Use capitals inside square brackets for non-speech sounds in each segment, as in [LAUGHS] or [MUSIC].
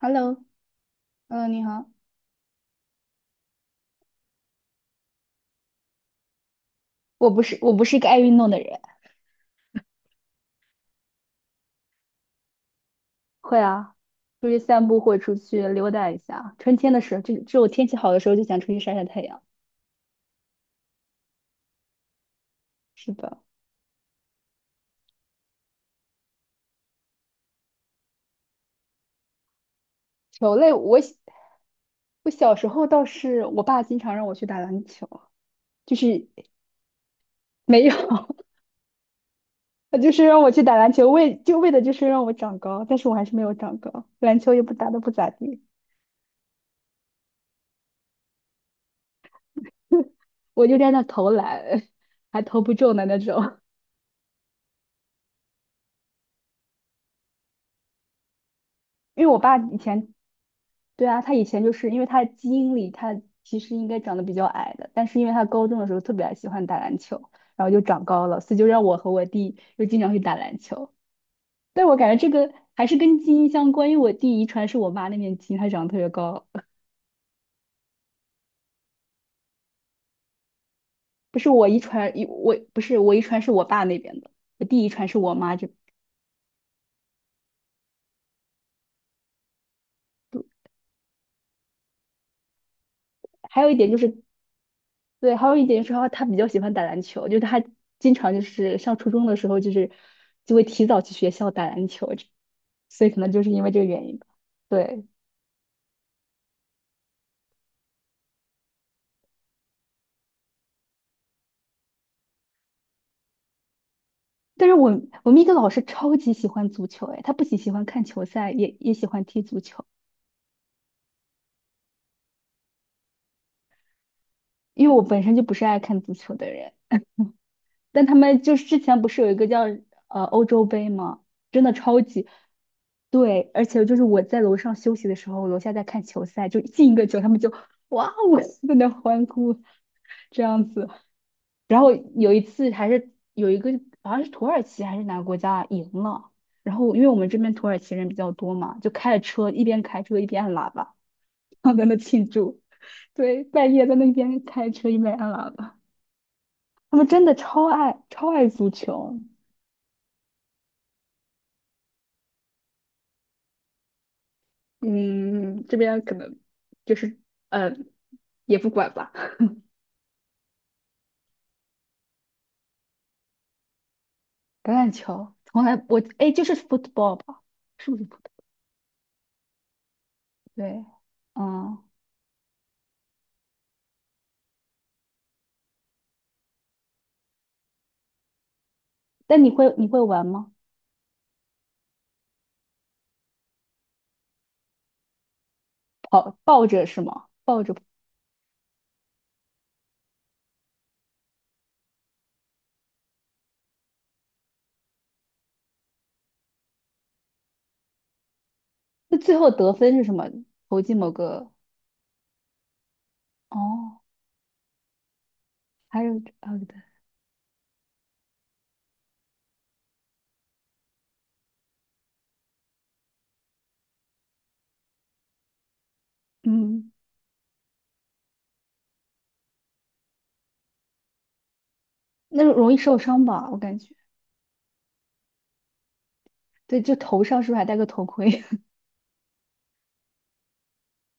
h e l l o 嗯，你好。我不是一个爱运动的人。会啊，出去散步或者出去溜达一下。春天的时候，就只有天气好的时候就想出去晒晒太阳。是的。球类我小时候倒是我爸经常让我去打篮球。就是没有。[LAUGHS] 他就是让我去打篮球，为的就是让我长高，但是我还是没有长高，篮球也不打得不咋地。我就在那投篮，[LAUGHS] 还投不中的那种。因为我爸以前对啊，他以前就是因为他基因里他其实应该长得比较矮的，但是因为他高中的时候特别喜欢打篮球，然后就长高了，所以就让我和我弟又经常去打篮球。但我感觉这个还是跟基因相关，因为我弟遗传是我妈那边基因，他长得特别高。[LAUGHS] 不是我遗传，我不是我遗传是我爸那边的，我弟遗传是我妈这。还有一点就是对，还有一点是他比较喜欢打篮球，就是他经常就是上初中的时候，就是就会提早去学校打篮球，这所以可能就是因为这个原因吧。对，但是我们一个老师超级喜欢足球。哎，他不仅喜欢看球赛，也喜欢踢足球，因为我本身就不是爱看足球的人。但他们就是之前不是有一个叫欧洲杯吗？真的超级对，而且就是我在楼上休息的时候，楼下在看球赛，就进一个球，他们就哇哦在那欢呼这样子。然后有一次还是有一个好像是土耳其还是哪个国家赢了，然后因为我们这边土耳其人比较多嘛，就开着车一边开车一边按喇叭，然后在那庆祝。对，半夜在那边开车一边按喇叭，他们真的超爱超爱足球。嗯，这边可能就是呃，也不管吧。[LAUGHS] 橄榄球从来我哎，就是 football 吧？是不是不对？对。嗯，但你会玩吗？跑抱着是吗？抱着，那最后得分是什么？投进某个哦，还有还对。嗯，那容易受伤吧？我感觉，对，就头上是不是还戴个头盔？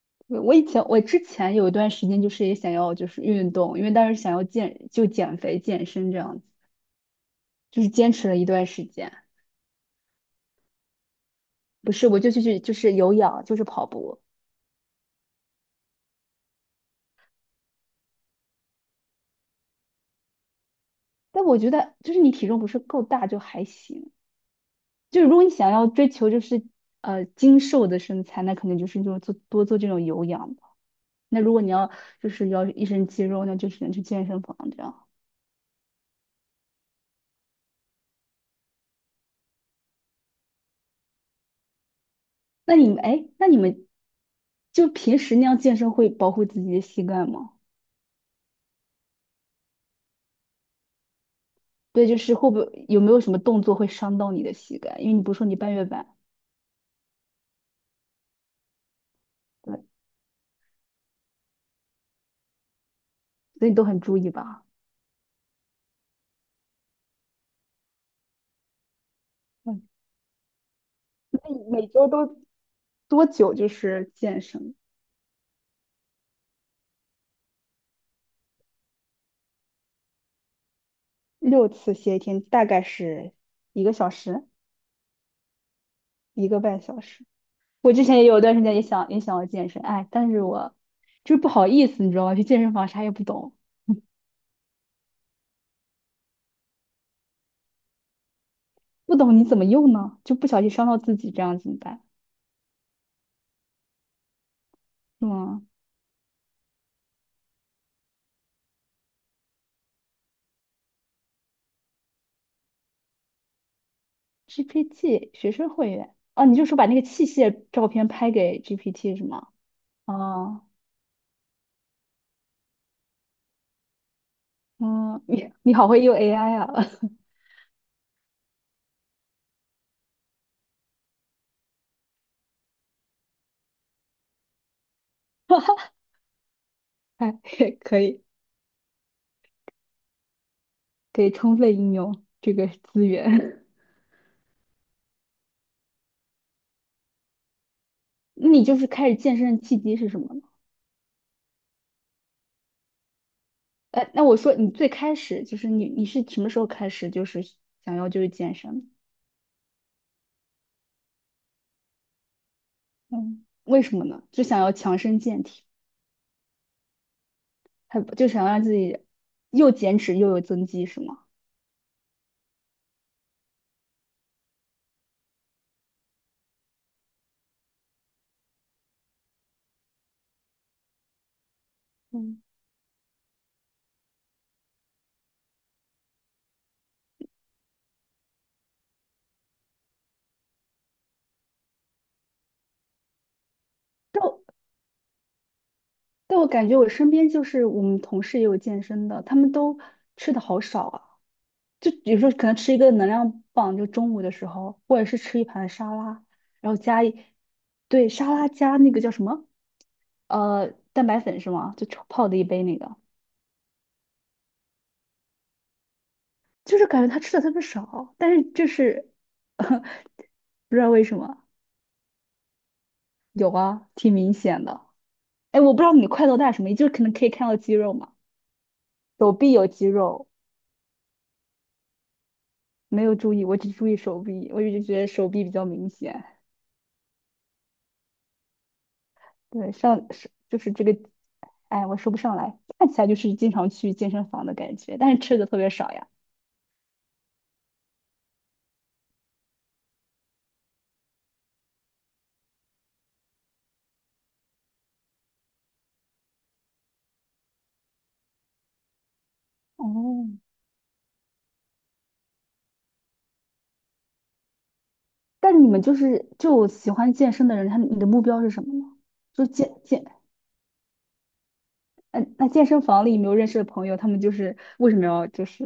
[LAUGHS] 我之前有一段时间就是也想要就是运动，因为当时想要减肥健身这样就是坚持了一段时间。不是，我就去就是有氧，就是跑步。但我觉得就是你体重不是够大就还行，就是如果你想要追求就是精瘦的身材，那肯定就是这种做这种有氧吧。那如果你要就是要一身肌肉，那就只能去健身房这样。那你们哎，那你们就平时那样健身会保护自己的膝盖吗？对，就是会不会有没有什么动作会伤到你的膝盖？因为你不是说你半月板，对，所以你都很注意吧？嗯，那你每周都多久就是健身？六次歇一天，大概是一个小时，一个半小时。我之前也有段时间也想要健身。哎，但是我就是不好意思，你知道吗？去健身房啥也不懂，不懂你怎么用呢？就不小心伤到自己，这样怎么办？是吗？GPT 学生会员哦，你就说把那个器械照片拍给 GPT 是吗？哦，嗯，你好会用 AI 啊。[LAUGHS] 哎，可以可以充分应用这个资源。那你就是开始健身的契机是什么呢？呃，那我说你最开始就是你是什么时候开始就是想要就是健身？嗯，为什么呢？就想要强身健体，还就想让自己又减脂又有增肌是吗？嗯，但我但我感觉我身边就是我们同事也有健身的，他们都吃的好少啊。就有时候可能吃一个能量棒，就中午的时候，或者是吃一盘沙拉，然后加一，对，沙拉加那个叫什么，呃，蛋白粉是吗？就炒泡的一杯那个，就是感觉他吃的特别少，但是就是 [LAUGHS] 不知道为什么有啊，挺明显的。哎，我不知道你的快乐大什么就是可能可以看到肌肉嘛，手臂有肌肉，没有注意，我只注意手臂，我一直觉得手臂比较明显。对，上是就是这个，哎，我说不上来，看起来就是经常去健身房的感觉，但是吃的特别少呀。哦，但是你们就是就喜欢健身的人，他你的目标是什么呢？就健健，嗯，那健身房里有没有认识的朋友，他们就是为什么要就是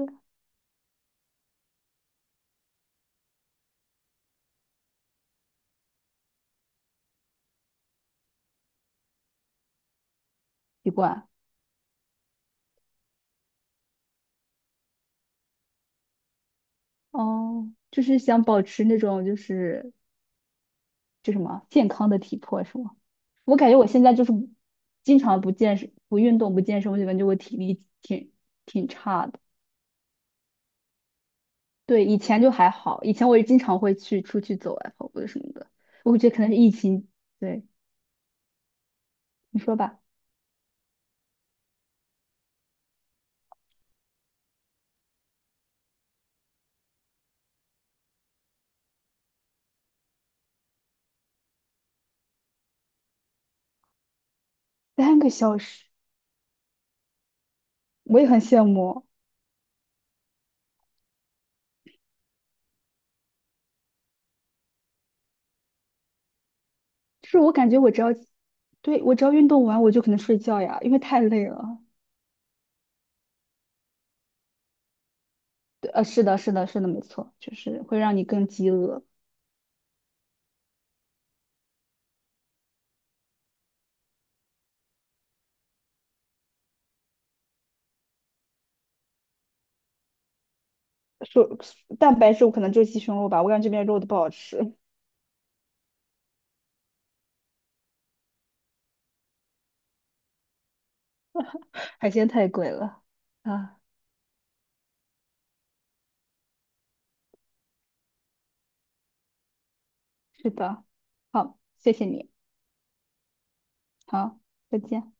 习惯？哦，就是想保持那种就是就什么健康的体魄是吗？我感觉我现在就是经常不健身、不运动、不健身，我就感觉我体力挺挺差的。对，以前就还好，以前我也经常会去出去走啊，跑步什么的。我觉得可能是疫情，对，你说吧，三个小时，我也很羡慕。就是我感觉我只要，对，我只要运动完，我就可能睡觉呀，因为太累了。对，呃，是的，是的，是的，没错，就是会让你更饥饿。说蛋白质，我可能就鸡胸肉吧，我感觉这边肉都不好吃。[LAUGHS] 海鲜太贵了啊。是的，好，谢谢你，好，再见。